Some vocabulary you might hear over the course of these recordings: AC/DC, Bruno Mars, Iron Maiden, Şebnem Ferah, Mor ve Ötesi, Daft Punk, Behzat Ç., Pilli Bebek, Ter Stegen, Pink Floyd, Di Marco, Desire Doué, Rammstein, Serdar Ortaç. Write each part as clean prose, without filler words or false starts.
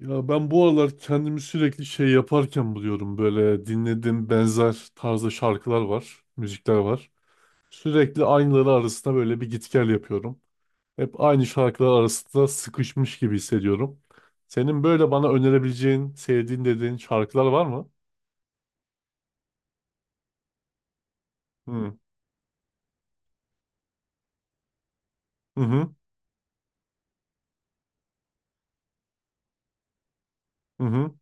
Ya ben bu aralar kendimi sürekli şey yaparken buluyorum. Böyle dinlediğim benzer tarzda şarkılar var, müzikler var. Sürekli aynıları arasında böyle bir git gel yapıyorum. Hep aynı şarkılar arasında sıkışmış gibi hissediyorum. Senin böyle bana önerebileceğin, sevdiğin dediğin şarkılar var mı? Hı hı, hı hı,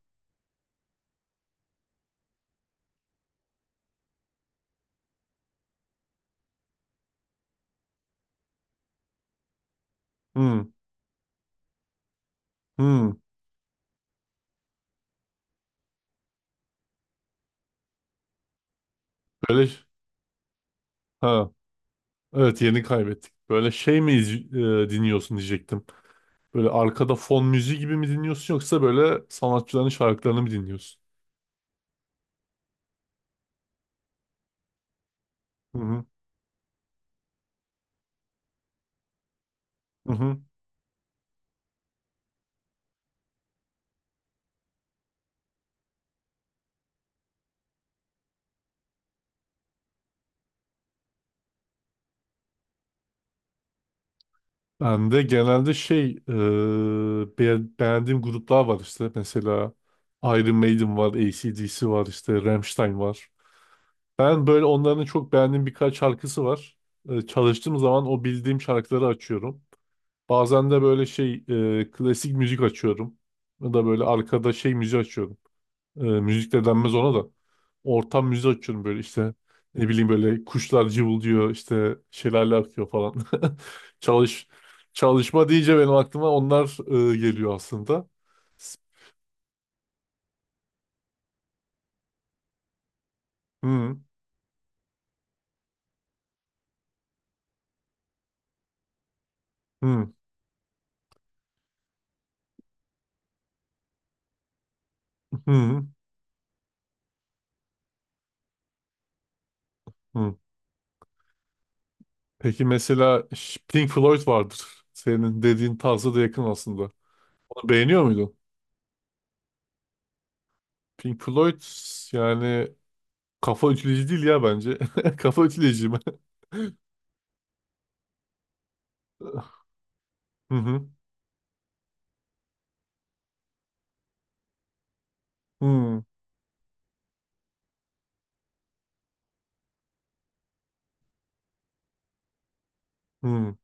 hı. Hı. Böyle, ha, evet, yeni kaybettik. Böyle şey mi iz- dinliyorsun diyecektim. Böyle arkada fon müziği gibi mi dinliyorsun yoksa böyle sanatçıların şarkılarını mı dinliyorsun? Hı hı. Hı hı. Ben de genelde beğendiğim gruplar var, işte mesela Iron Maiden var, AC/DC var, işte Rammstein var. Ben böyle onların çok beğendiğim birkaç şarkısı var. Çalıştığım zaman o bildiğim şarkıları açıyorum. Bazen de klasik müzik açıyorum. Ya da böyle arkada şey müzik açıyorum. Müzik de denmez ona da. Ortam müziği açıyorum böyle işte. Ne bileyim, böyle kuşlar cıvıldıyor, işte şelale akıyor falan. Çalış Çalışma deyince benim aklıma onlar geliyor aslında. Hı, hı, hı, hı. Peki mesela Pink Floyd vardır. Senin dediğin tarzı da yakın aslında. Onu beğeniyor muydun? Pink Floyd, yani kafa ütüleyici değil ya, bence. Kafa ütüleyici mi? Hı hı. Hı hı.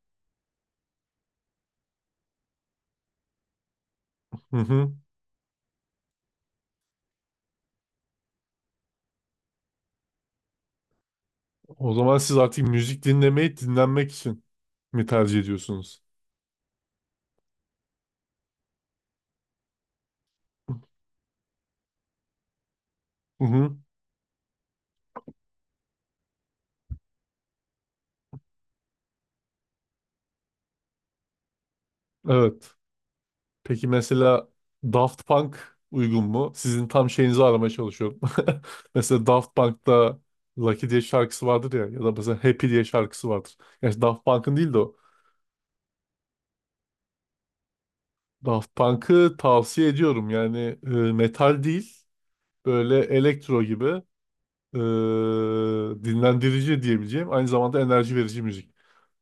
Hı hı. O zaman siz artık müzik dinlemeyi dinlenmek için mi tercih ediyorsunuz? Hı hı. Evet. Peki mesela Daft Punk uygun mu? Sizin tam şeyinizi aramaya çalışıyorum. Mesela Daft Punk'ta Lucky diye şarkısı vardır ya, ya da mesela Happy diye şarkısı vardır. Yani Daft Punk'ın değil de o. Daft Punk'ı tavsiye ediyorum. Yani metal değil, böyle elektro gibi. e, Dinlendirici diyebileceğim, aynı zamanda enerji verici müzik.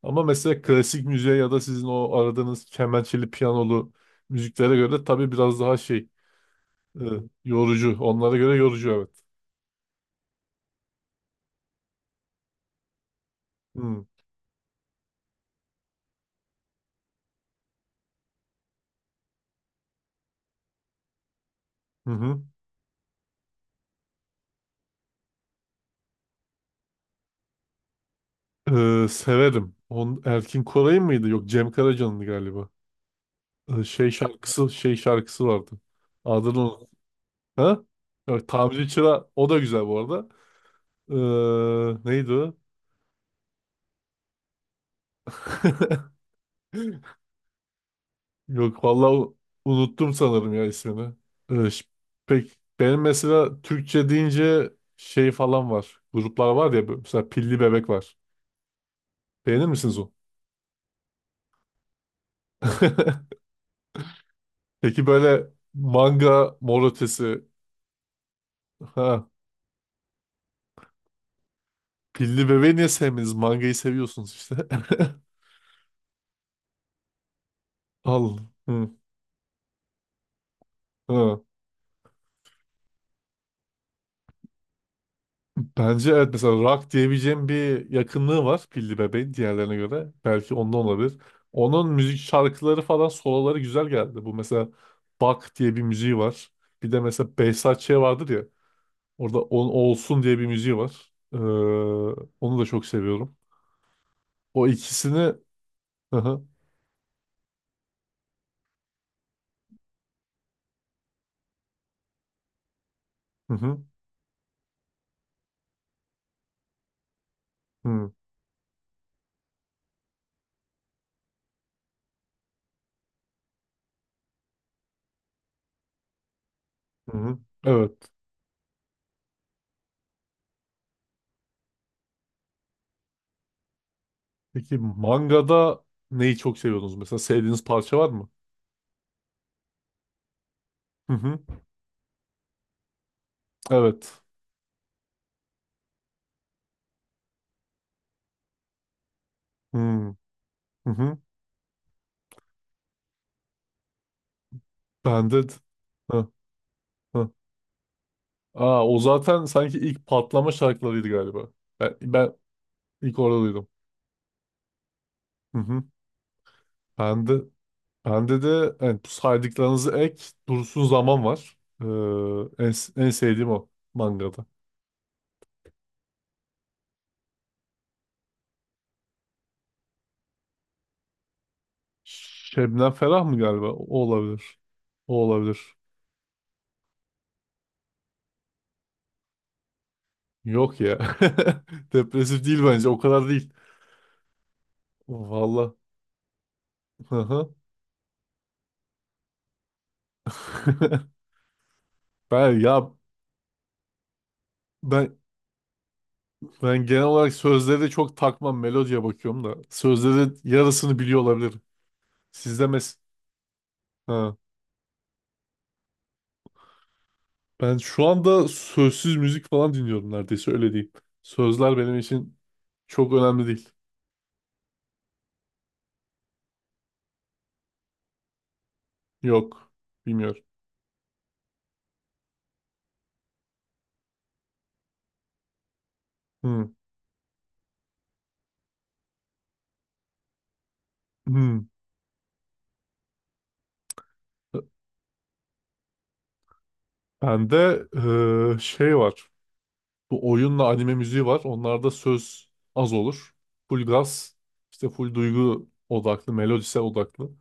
Ama mesela klasik müziğe ya da sizin o aradığınız kemençeli piyanolu müziklere göre tabii biraz daha e, yorucu. Onlara göre yorucu, evet. Hmm. Hı hı. Severim. On, Erkin Koray'ın mıydı? Yok, Cem Karaca'nındı galiba. Şey şarkısı vardı. Adını unuttum. Ha? Evet, Tamirci Çıra, o da güzel bu arada. E, neydi o? Yok, vallahi unuttum sanırım ya ismini. Ee, ş- Pek benim mesela Türkçe deyince şey falan var. Gruplar var ya, böyle mesela Pilli Bebek var. Beğenir misiniz o? Peki böyle manga, Mor Ötesi. Ha, Pilli Bebeği niye sevmediniz? Mangayı seviyorsunuz işte. Allah. Hı. Ha. Bence evet, mesela rock diyebileceğim bir yakınlığı var Pilli Bebek'in diğerlerine göre. Belki ondan olabilir. Onun müzik şarkıları falan, soloları güzel geldi. Bu mesela Bak diye bir müziği var. Bir de mesela Behzat Ç. vardır ya. Orada On Olsun diye bir müziği var. Onu da çok seviyorum. O ikisini... Hı hı, hı hı, hı hı. Evet. Peki mangada neyi çok seviyorsunuz? Mesela sevdiğiniz parça var mı? Hı hı. Evet. Hı hı. Hı. Bende... Hı. Hı. Aa, o zaten sanki ilk patlama şarkılarıydı galiba. Ben, ben ilk orada duydum. Hı hı. Ben de bende de evet, bu saydıklarınızı dursun zaman var. En sevdiğim o mangada. Şebnem Ferah mı galiba? O olabilir. O olabilir. Yok ya. Depresif değil bence. O kadar değil. Valla. Hı hı. Ben ya ben ben genel olarak sözleri de çok takmam. Melodiye bakıyorum da. Sözlerin yarısını biliyor olabilirim. Sizde mes... Ha. Ben şu anda sözsüz müzik falan dinliyorum neredeyse, öyle diyeyim. Sözler benim için çok önemli değil. Yok. Bilmiyorum. Hmm. Hmm. Bende şey var. Bu oyunla anime müziği var. Onlarda söz az olur. Full gaz. İşte full duygu odaklı, melodisel odaklı.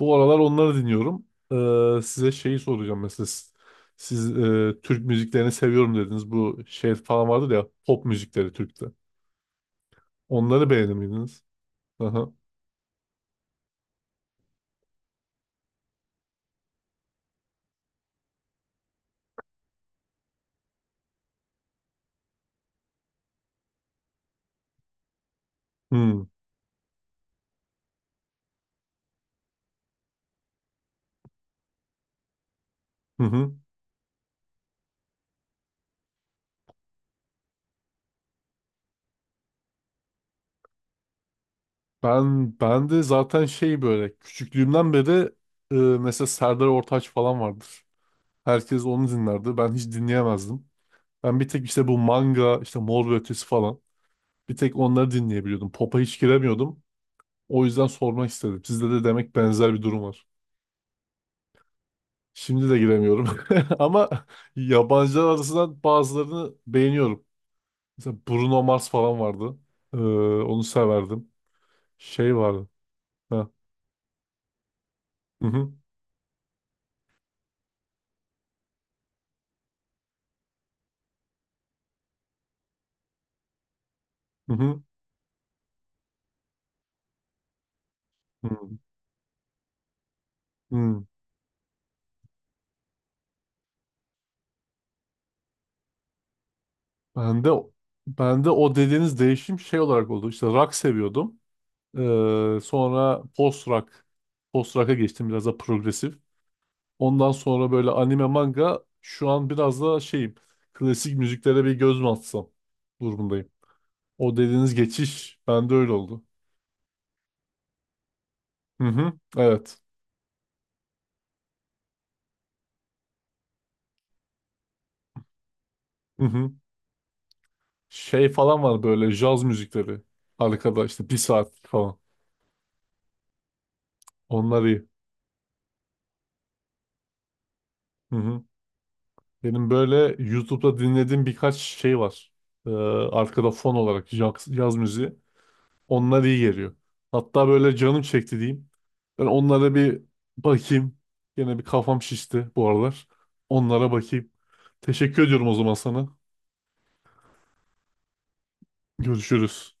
Bu aralar onları dinliyorum. Size şeyi soracağım mesela. Türk müziklerini seviyorum dediniz. Bu şey falan vardır ya, pop müzikleri Türk'te. Onları beğenir miydiniz? Aha. Hmm. Hı hı. Ben de zaten şey böyle küçüklüğümden beri mesela Serdar Ortaç falan vardır. Herkes onu dinlerdi. Ben hiç dinleyemezdim. Ben bir tek işte bu manga, işte Mor ve Ötesi falan. Bir tek onları dinleyebiliyordum. Pop'a hiç giremiyordum. O yüzden sormak istedim. Sizde de demek benzer bir durum var. Şimdi de giremiyorum. Ama yabancılar arasından bazılarını beğeniyorum. Mesela Bruno Mars falan vardı. Ee, Onu severdim. Şey vardı. Ha. Hı hı. Hı hı. Hı. Hı. Ben de ben de o dediğiniz değişim şey olarak oldu. İşte rock seviyordum. Sonra post rock'a geçtim, biraz da progresif. Ondan sonra böyle anime, manga, şu an biraz da şeyim, klasik müziklere bir göz mü atsam durumundayım. O dediğiniz geçiş bende öyle oldu. Hı hı. Evet. Hı hı. Şey falan var, böyle jaz müzikleri. Arkada işte bir saat falan. Onlar iyi. Hı hı. Benim böyle YouTube'da dinlediğim birkaç şey var. Ee, Arkada fon olarak yaz müziği. Onlar iyi geliyor. Hatta böyle canım çekti diyeyim. Ben onlara bir bakayım. Yine bir kafam şişti bu aralar. Onlara bakayım. Teşekkür ediyorum o zaman sana. Görüşürüz.